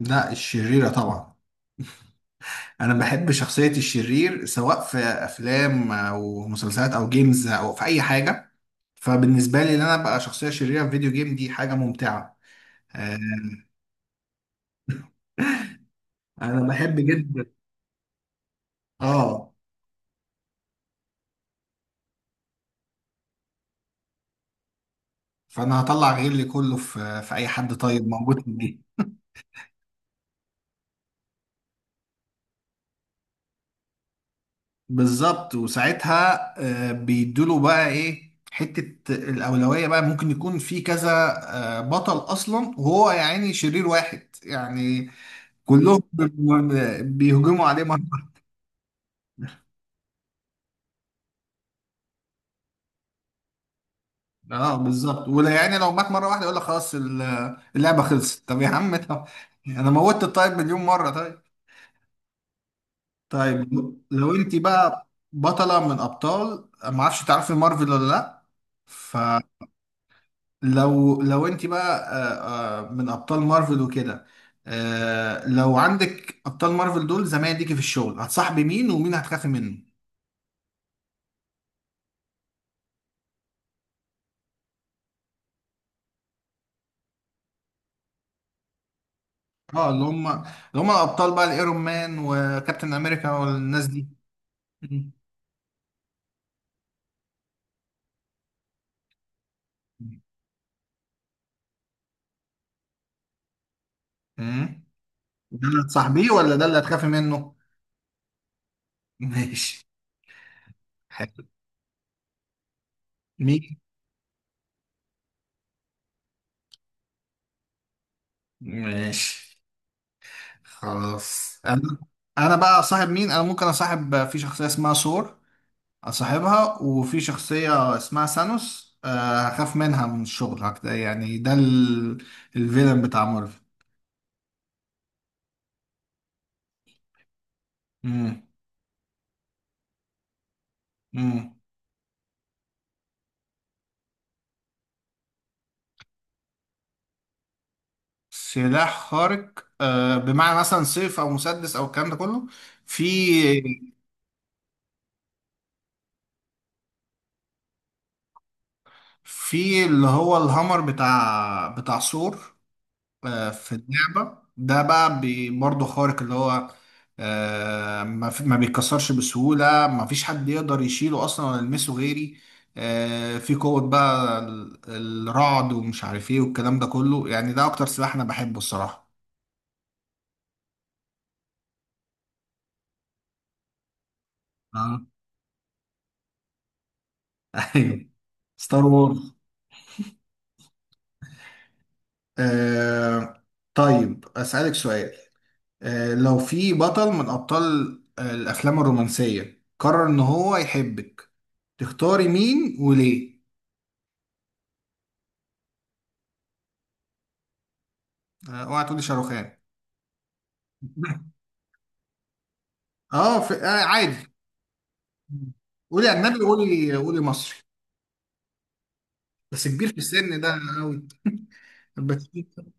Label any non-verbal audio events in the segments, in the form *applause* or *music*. لا الشريرة طبعا. أنا بحب شخصية الشرير سواء في أفلام أو مسلسلات أو جيمز أو في أي حاجة. فبالنسبة لي إن أنا أبقى شخصية شريرة في فيديو جيم دي حاجة ممتعة. آه، أنا بحب جدا. آه فأنا هطلع غيري كله في أي حد طيب موجود في الجيم. بالظبط، وساعتها بيدوله بقى إيه حتة الأولوية، بقى ممكن يكون في كذا بطل أصلا، وهو يعني شرير واحد يعني كلهم بيهجموا عليه مره واحدة. اه بالظبط، ولا يعني لو مات مره واحده يقول لك خلاص اللعبه خلصت. طب يا عم، طب انا موتت الطيب مليون مره. طيب طيب، لو انت بقى بطله من ابطال، ما اعرفش تعرفي مارفل ولا لا؟ فلو انت بقى من ابطال مارفل وكده، لو عندك ابطال مارفل دول زمايل ليكي في الشغل، هتصاحبي مين ومين هتخافي منه؟ اه اللي هم، اللي هم الابطال بقى، الايرون مان وكابتن امريكا والناس دي. *laughs* مم. مم. ده اللي هتصاحبيه ولا ده اللي هتخافي منه؟ *laughs* ماشي. حلو. مين؟ ماشي خلاص. انا بقى صاحب مين؟ انا ممكن اصاحب في شخصيه اسمها سور، اصاحبها، وفي شخصيه اسمها سانوس هخاف منها من الشغل هكذا يعني. ده الفيلن بتاع مارفل. مم. مم. سلاح خارق بمعنى مثلا سيف او مسدس او الكلام ده كله؟ في اللي هو الهامر بتاع ثور، في اللعبة ده بقى برضه خارق. اللي هو ما بيتكسرش بسهولة، ما فيش حد يقدر يشيله اصلا ولا يلمسه غيري، في قوة بقى الرعد ومش عارف ايه والكلام ده كله. يعني ده اكتر سلاح انا بحبه الصراحة. اه. *laughs* ايوه، ستار وورز. آه طيب، أسألك سؤال. آه لو في بطل من أبطال آه الأفلام الرومانسية قرر إن هو يحبك، تختاري مين وليه؟ آه اوعى تقولي شاروخان. *laughs* اه، في... آه عادي. قولي أجنبي، قولي، مصري. بس كبير في السن ده أوي. *laughs* الباتشينو.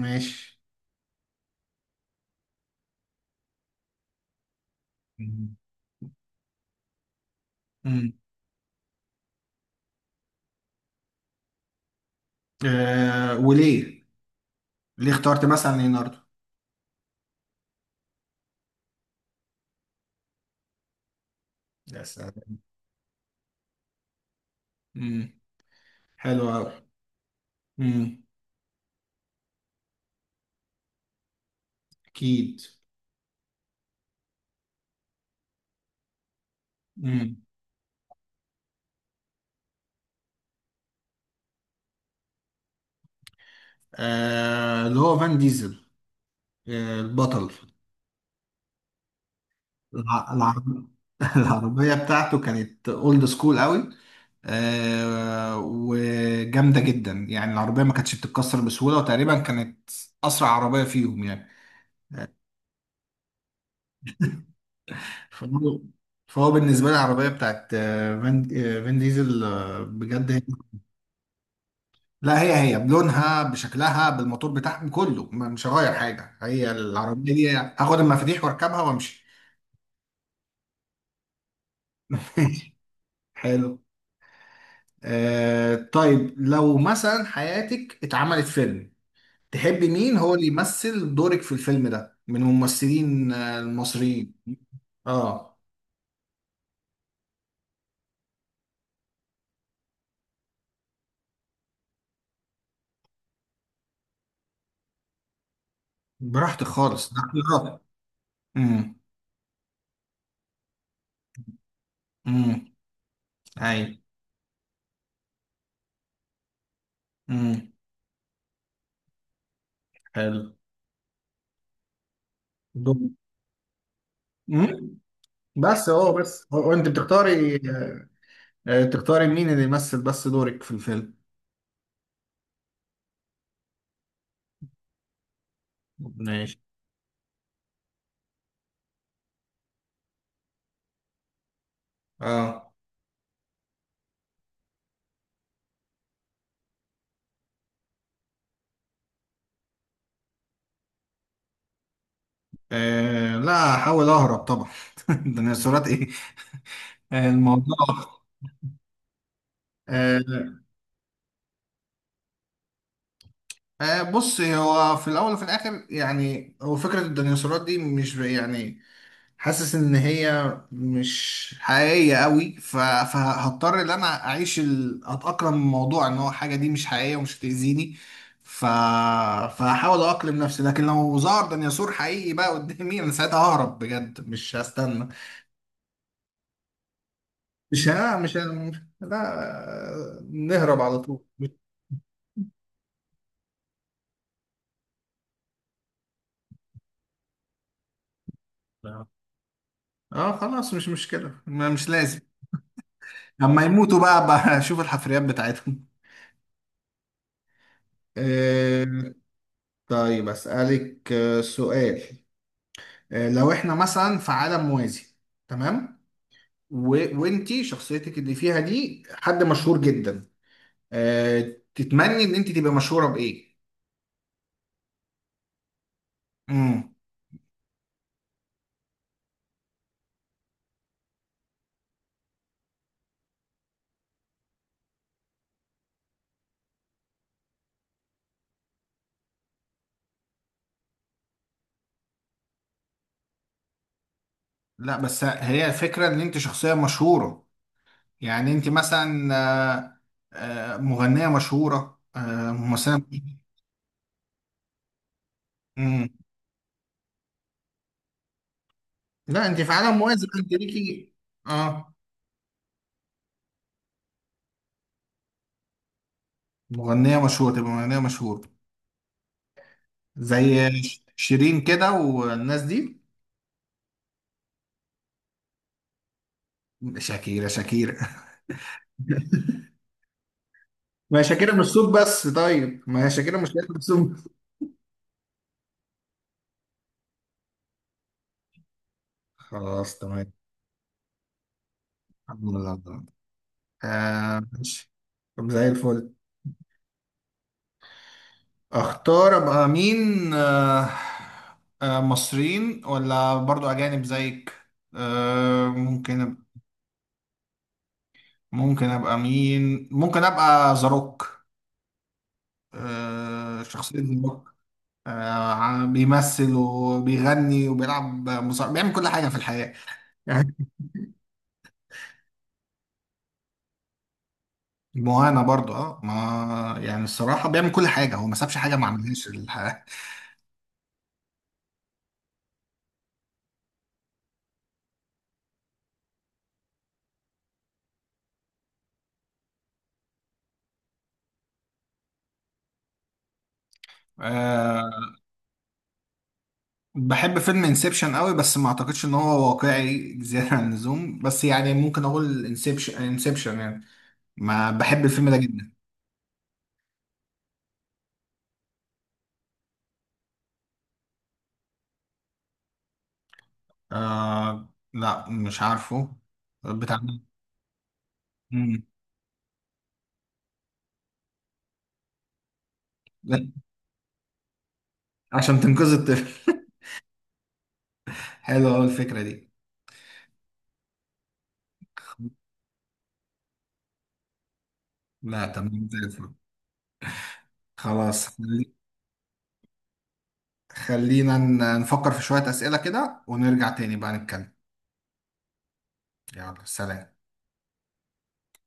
ماشي. مم. مم. آه وليه؟ ليه اخترت مثلا ليوناردو؟ يا سلام. مم. حلو أوي. مم. أكيد. آه اللي هو فان ديزل، آه البطل. العرب... *laughs* العربية بتاعته كانت اولد سكول قوي. آه وجامدة جدا يعني. العربية ما كانتش بتتكسر بسهولة، وتقريبا كانت أسرع عربية فيهم يعني. فهو فهو بالنسبة لي العربية بتاعت فان ديزل بجد هي... لا هي، هي بلونها بشكلها بالموتور بتاعهم كله، مش هغير حاجة. هي العربية دي هاخد المفاتيح واركبها وامشي. *laughs* حلو. آه طيب، لو مثلا حياتك اتعملت فيلم، تحبي مين هو اللي يمثل دورك في الفيلم ده من الممثلين المصريين؟ اه. براحتك خالص، ده اختيارات. امم. امم. اي. امم. حلو. دور. امم. بس هو، هو انت بتختاري تختاري مين اللي يمثل بس دورك في الفيلم. ماشي. اه. لا هحاول اهرب طبعا. *laughs* ده انا صورات ايه؟ آه، الموضوع آه، آه، بص، هو في الاول وفي الاخر يعني، هو فكره الديناصورات دي مش يعني حاسس ان هي مش حقيقيه قوي. فهضطر ان انا اعيش اتاقلم الموضوع ان هو حاجه دي مش حقيقيه ومش هتاذيني. ف... فهحاول اقلم نفسي، لكن لو ظهر ديناصور حقيقي بقى قدامي انا ساعتها ههرب بجد مش هستنى. مش ها مش ه- لا نهرب على طول. اه خلاص مش مشكله، مش لازم. لما يموتوا بقى *laughs* اشوف الحفريات بتاعتهم. *laughs* آه، طيب أسألك سؤال. لو احنا مثلا في عالم موازي، تمام؟ و... وانتي شخصيتك اللي فيها دي حد مشهور جدا، تتمني ان انت تبقى مشهورة بإيه؟ امم. لا بس هي الفكره ان انت شخصيه مشهوره، يعني انت مثلا آه، مغنيه مشهوره، آه، ممثله. امم. لا انت في عالم موازي انت ليكي. اه. مغنية مشهورة، تبقى مغنية مشهورة زي شيرين كده والناس دي. شاكيرا، شاكيرا. *laughs* ما هي شاكيرا مش صوت بس، طيب ما هي شاكيرا مش لازم صوت. خلاص تمام. الحمد لله تمام. آه ماشي. طب زي الفل. اختار ابقى مين؟ آه مصريين ولا برضو اجانب زيك؟ آه ممكن أب- ممكن ابقى مين؟ ممكن ابقى زاروك، آه شخصية زاروك. بيمثل وبيغني وبيلعب مصارعة، بيعمل كل حاجة في الحياة يعني. مهانة برضو اه. ما يعني الصراحة بيعمل كل حاجة، هو ما سابش حاجة ما عملهاش الحياة. أه بحب فيلم انسبشن قوي، بس ما اعتقدش ان هو واقعي زيادة عن اللزوم. بس يعني ممكن اقول انسبشن، يعني ما بحب الفيلم ده جدا. أه لا مش عارفه. بتاع مين؟ مم. لا، عشان تنقذ الطفل. *laughs* حلوة أوي الفكرة دي. لا تمام زي الفل. خلاص خلينا نفكر في شوية أسئلة كده ونرجع تاني بقى نتكلم. يلا سلام.